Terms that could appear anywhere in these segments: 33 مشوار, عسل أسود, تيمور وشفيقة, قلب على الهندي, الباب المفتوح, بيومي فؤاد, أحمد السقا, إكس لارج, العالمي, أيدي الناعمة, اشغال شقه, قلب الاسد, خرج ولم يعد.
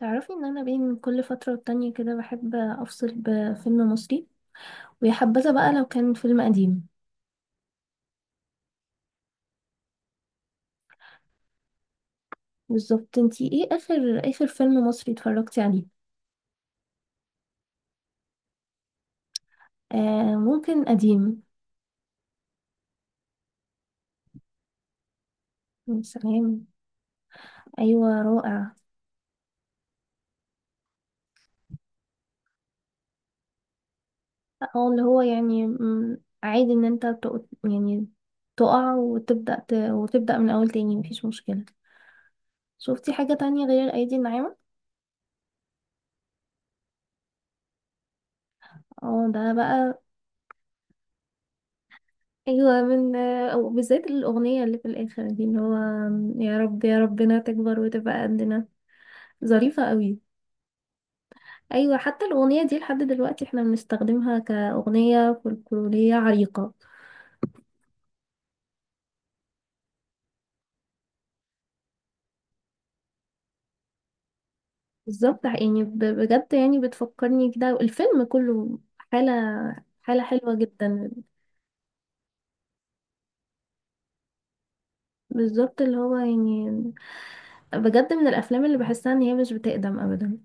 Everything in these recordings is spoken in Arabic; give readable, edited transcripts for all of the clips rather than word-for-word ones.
تعرفي ان انا بين كل فترة والتانية كده بحب افصل بفيلم مصري، ويا حبذا بقى لو كان فيلم قديم. بالظبط، انتي ايه اخر اخر فيلم مصري اتفرجتي عليه؟ آه ممكن قديم. يا سلام. ايوه رائع. اه اللي هو يعني عادي ان انت تقع وتبدأ وتبدأ من اول تاني، مفيش مشكلة. شفتي حاجة تانية غير ايدي الناعمة؟ اه ده بقى. ايوه، من أو بالذات الاغنيه اللي في الاخر دي اللي هو يا رب يا ربنا تكبر وتبقى قدنا. ظريفه قوي. ايوه، حتى الاغنيه دي لحد دلوقتي احنا بنستخدمها كاغنيه فولكلوريه عريقه. بالظبط يعني بجد يعني بتفكرني كده الفيلم كله حاله، حاله حلوه جدا. بالظبط اللي هو يعني بجد من الافلام اللي بحسها ان هي مش بتقدم ابدا.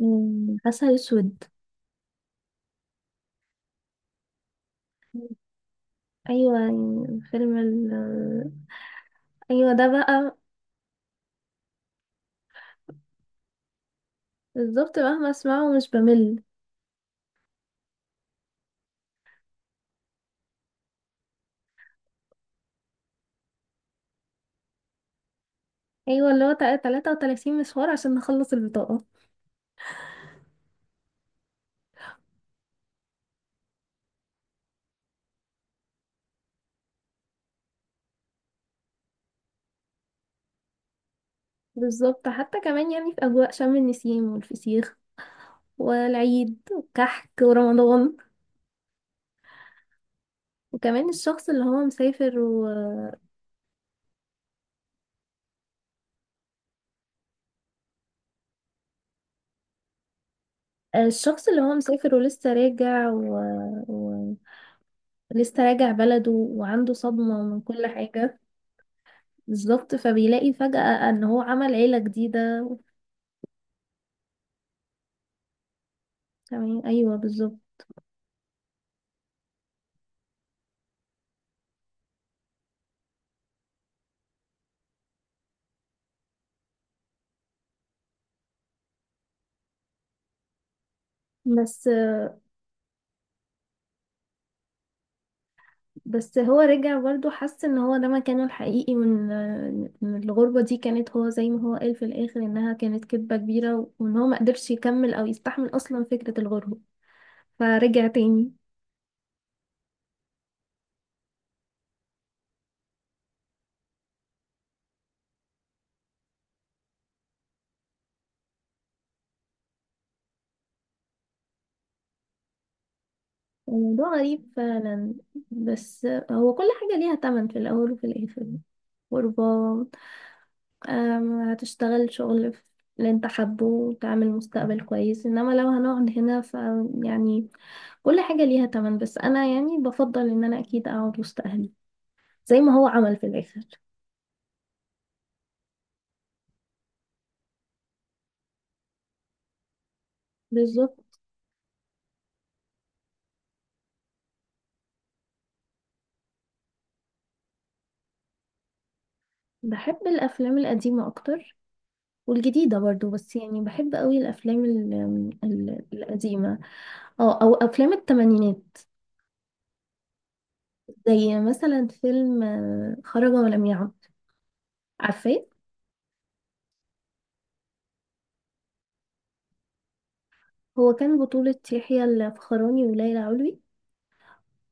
عسل اسود. ايوه يعني ايوه ده بقى. بالظبط مهما اسمعه مش بمل. ايوه اللي هو 33 مشوار عشان نخلص البطاقة. بالظبط، حتى كمان يعني في اجواء شم النسيم والفسيخ والعيد والكحك ورمضان. وكمان الشخص اللي هو مسافر الشخص اللي هو مسافر ولسه راجع و... لسه راجع بلده وعنده صدمة من كل حاجة. بالظبط، فبيلاقي فجأة ان هو عمل عيلة جديده. تمام ايوه بالظبط. بس بس هو رجع برضه حس ان هو ده مكانه الحقيقي، وان إن الغربة دي كانت، هو زي ما هو قال في الاخر انها كانت كذبة كبيرة، وان هو ما قدرش يكمل او يستحمل اصلا فكرة الغربة، فرجع تاني. الموضوع غريب فعلا. بس هو كل حاجة ليها تمن في الاول وفي الاخر. غربة. هتشتغل شغل في اللي انت حابه وتعمل مستقبل كويس، انما لو هنقعد هنا ف يعني كل حاجة ليها تمن، بس انا يعني بفضل ان انا اكيد اقعد وسط اهلي، زي ما هو عمل في الآخر. بالظبط. بحب الأفلام القديمة أكتر، والجديدة برضو، بس يعني بحب قوي الأفلام القديمة. اه أو أفلام التمانينات. زي مثلا فيلم خرج ولم يعد. عارفاه؟ هو كان بطولة يحيى الفخراني وليلى علوي،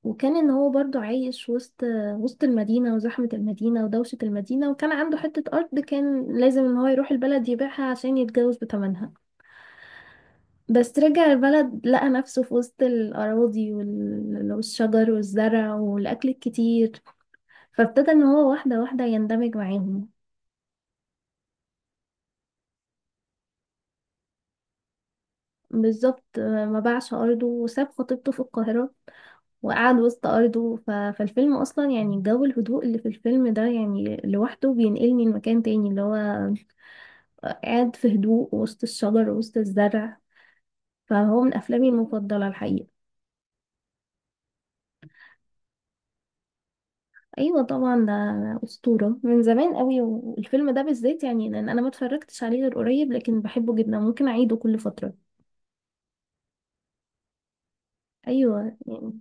وكان ان هو برضو عايش وسط المدينة وزحمة المدينة ودوشة المدينة، وكان عنده حتة أرض كان لازم ان هو يروح البلد يبيعها عشان يتجوز بتمنها. بس رجع البلد لقى نفسه في وسط الأراضي والشجر والزرع والأكل الكتير، فابتدى إن هو واحدة واحدة يندمج معاهم. بالظبط، ما باعش أرضه وساب خطيبته في القاهرة وقعد وسط أرضه فالفيلم أصلا يعني جو الهدوء اللي في الفيلم ده يعني لوحده بينقلني لمكان تاني اللي هو قاعد في هدوء وسط الشجر وسط الزرع. فهو من أفلامي المفضلة الحقيقة. ايوه طبعا، ده اسطوره من زمان قوي، والفيلم ده بالذات يعني لان انا ما اتفرجتش عليه غير قريب، لكن بحبه جدا ممكن اعيده كل فتره. ايوه يعني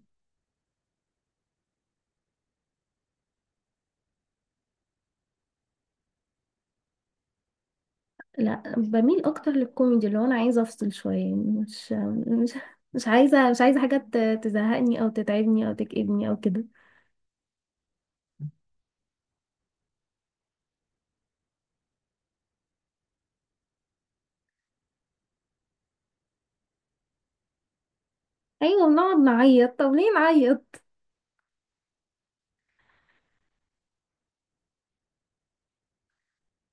لا، بميل اكتر للكوميدي، اللي هو انا عايزه افصل شويه، يعني مش مش عايزه حاجه تزهقني او تتعبني او تكئبني او كده. ايوه، بنقعد نعيط، طب ليه نعيط.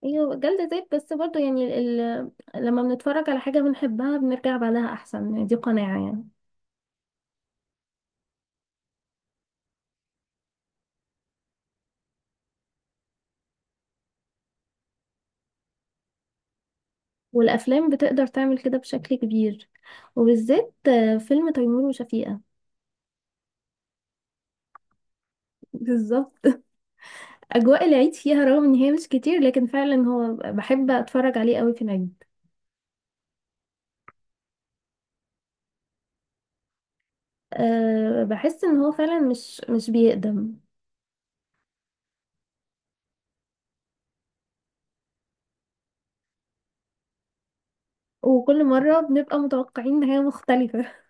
ايوه جلد ذات، بس برضه يعني لما بنتفرج على حاجه بنحبها بنرجع بعدها احسن، دي قناعه يعني. والأفلام بتقدر تعمل كده بشكل كبير، وبالذات فيلم تيمور وشفيقة. بالظبط. أجواء العيد فيها، رغم إن هي مش كتير، لكن فعلا هو بحب أتفرج عليه قوي في العيد. أه بحس إن هو فعلا مش بيقدم. وكل مرة بنبقى متوقعين نهاية مختلفة.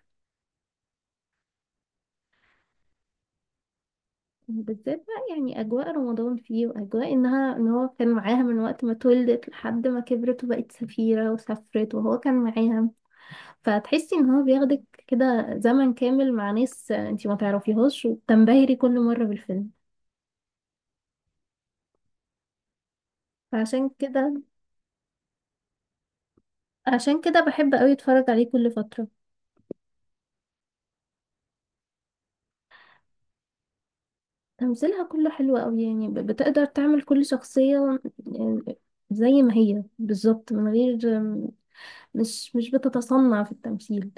بالذات بقى يعني أجواء رمضان فيه، وأجواء إنها، إن هو كان معاها من وقت ما اتولدت لحد ما كبرت وبقت سفيرة وسافرت وهو كان معاها، فتحسي ان هو بياخدك كده زمن كامل مع ناس انتي ما تعرفيهاش، وبتنبهري كل مرة بالفيلم. فعشان كده عشان كده بحب قوي اتفرج عليه كل فترة. تمثيلها كله حلو قوي، يعني بتقدر تعمل كل شخصية، يعني زي ما هي بالظبط، من غير، مش بتتصنع في التمثيل.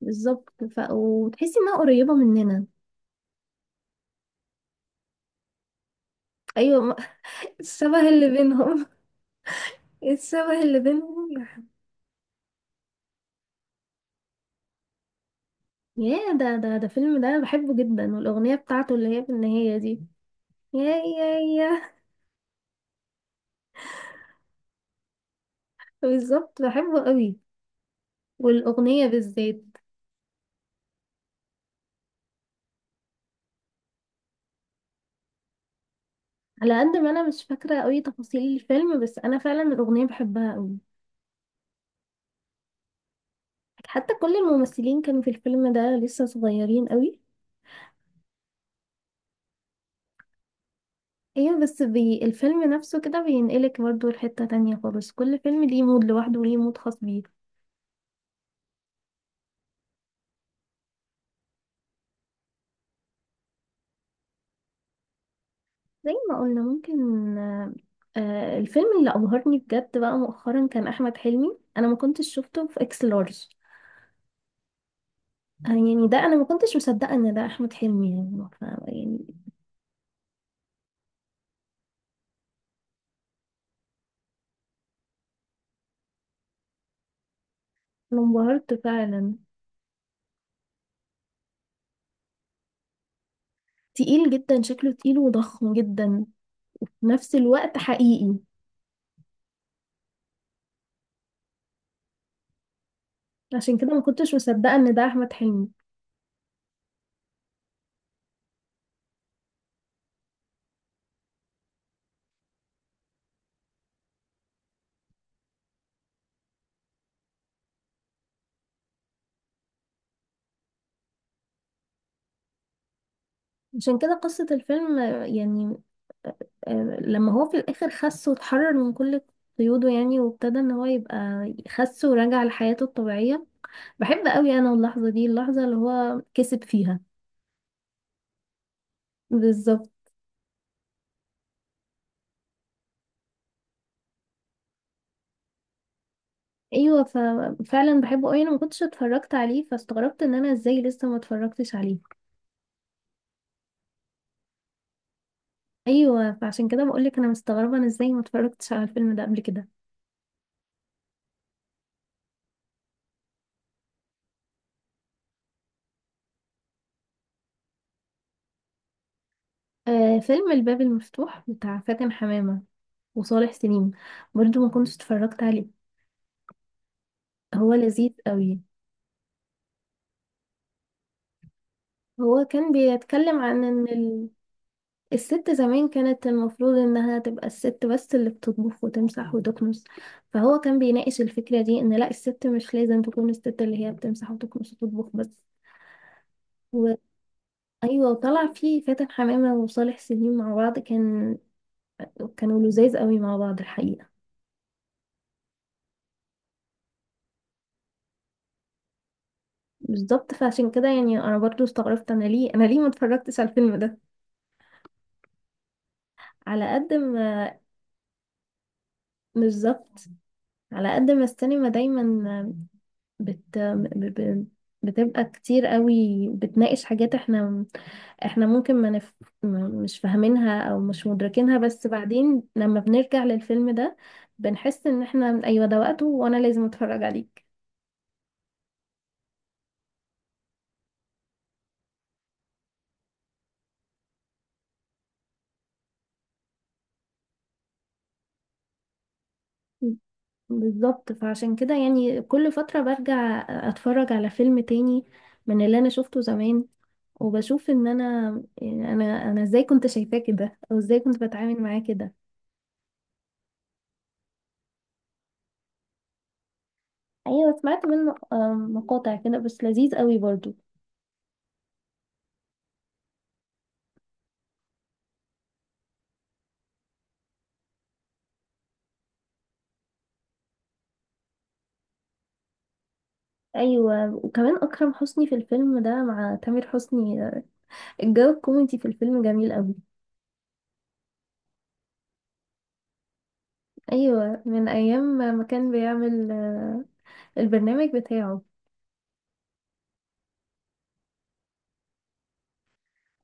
بالظبط وتحسي انها قريبة مننا. ايوه الشبه اللي بينهم، الشبه اللي بينهم. ياه، ده فيلم ده أنا بحبه جدا، والأغنية بتاعته اللي هي في النهاية دي، يا يا يا. بالظبط، بحبه قوي، والأغنية بالذات. على قد ما أنا مش فاكرة قوي تفاصيل الفيلم، بس أنا فعلا الأغنية بحبها قوي. حتى كل الممثلين كانوا في الفيلم ده لسه صغيرين قوي. ايوه، بس بي الفيلم نفسه كده بينقلك برضه لحتة تانية خالص، كل فيلم ليه مود لوحده وليه مود خاص بيه. زي ما قلنا ممكن الفيلم اللي أبهرني بجد بقى مؤخرا كان أحمد حلمي، أنا ما كنتش شفته في إكس لارج. يعني ده أنا ما كنتش مصدقة إن ده أحمد حلمي، يعني أنا انبهرت فعلا. تقيل جدا، شكله تقيل وضخم جدا في نفس الوقت، حقيقي. عشان كده ما كنتش مصدقة إن ده أحمد حلمي. عشان كده قصة الفيلم آه، آه، لما هو في الآخر خس واتحرر من كل قيوده، يعني وابتدى إن هو يبقى خس ورجع لحياته الطبيعية. بحب قوي انا اللحظه دي، اللحظه اللي هو كسب فيها. بالظبط. ايوه ففعلا بحبه قوي، انا ما كنتش اتفرجت عليه فاستغربت ان انا ازاي لسه ما اتفرجتش عليه. ايوه فعشان كده بقول لك انا مستغربه انا ازاي ما اتفرجتش على الفيلم ده قبل كده. آه، فيلم الباب المفتوح بتاع فاتن حمامه وصالح سليم، برضو ما كنتش اتفرجت عليه. هو لذيذ قوي. هو كان بيتكلم عن ان الست زمان كانت المفروض انها تبقى الست بس اللي بتطبخ وتمسح وتكنس، فهو كان بيناقش الفكرة دي ان لا، الست مش لازم تكون الست اللي هي بتمسح وتكنس وتطبخ بس و... ايوه، وطلع فيه فاتن حمامة وصالح سليم مع بعض، كان كانوا لذاذ قوي مع بعض الحقيقة. بالظبط، فعشان كده يعني انا برضو استغربت انا ليه، انا ليه ما اتفرجتش على الفيلم ده. على قد ما بالظبط. على قد ما السينما دايما بت... ب... ب... بتبقى كتير قوي بتناقش حاجات احنا، احنا ممكن ما نف... ما- مش فاهمينها او مش مدركينها، بس بعدين لما بنرجع للفيلم ده بنحس ان احنا ايوه ده وقته وانا لازم اتفرج عليك. بالظبط، فعشان كده يعني كل فترة برجع اتفرج على فيلم تاني من اللي انا شفته زمان، وبشوف ان انا، يعني انا ازاي كنت شايفاه كده، او ازاي كنت بتعامل معاه كده. ايوه سمعت منه مقاطع كده بس لذيذ قوي برضو. ايوه وكمان اكرم حسني في الفيلم ده مع تامر حسني، الجو الكوميدي في الفيلم جميل قوي. ايوه من ايام ما كان بيعمل البرنامج بتاعه.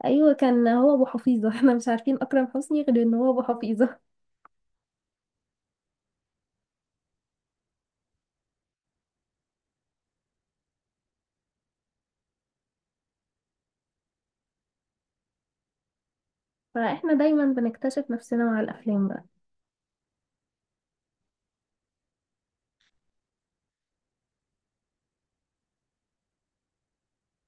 ايوه كان هو ابو حفيظه. احنا مش عارفين اكرم حسني غير ان هو ابو حفيظه. فاحنا دايما بنكتشف نفسنا مع الافلام.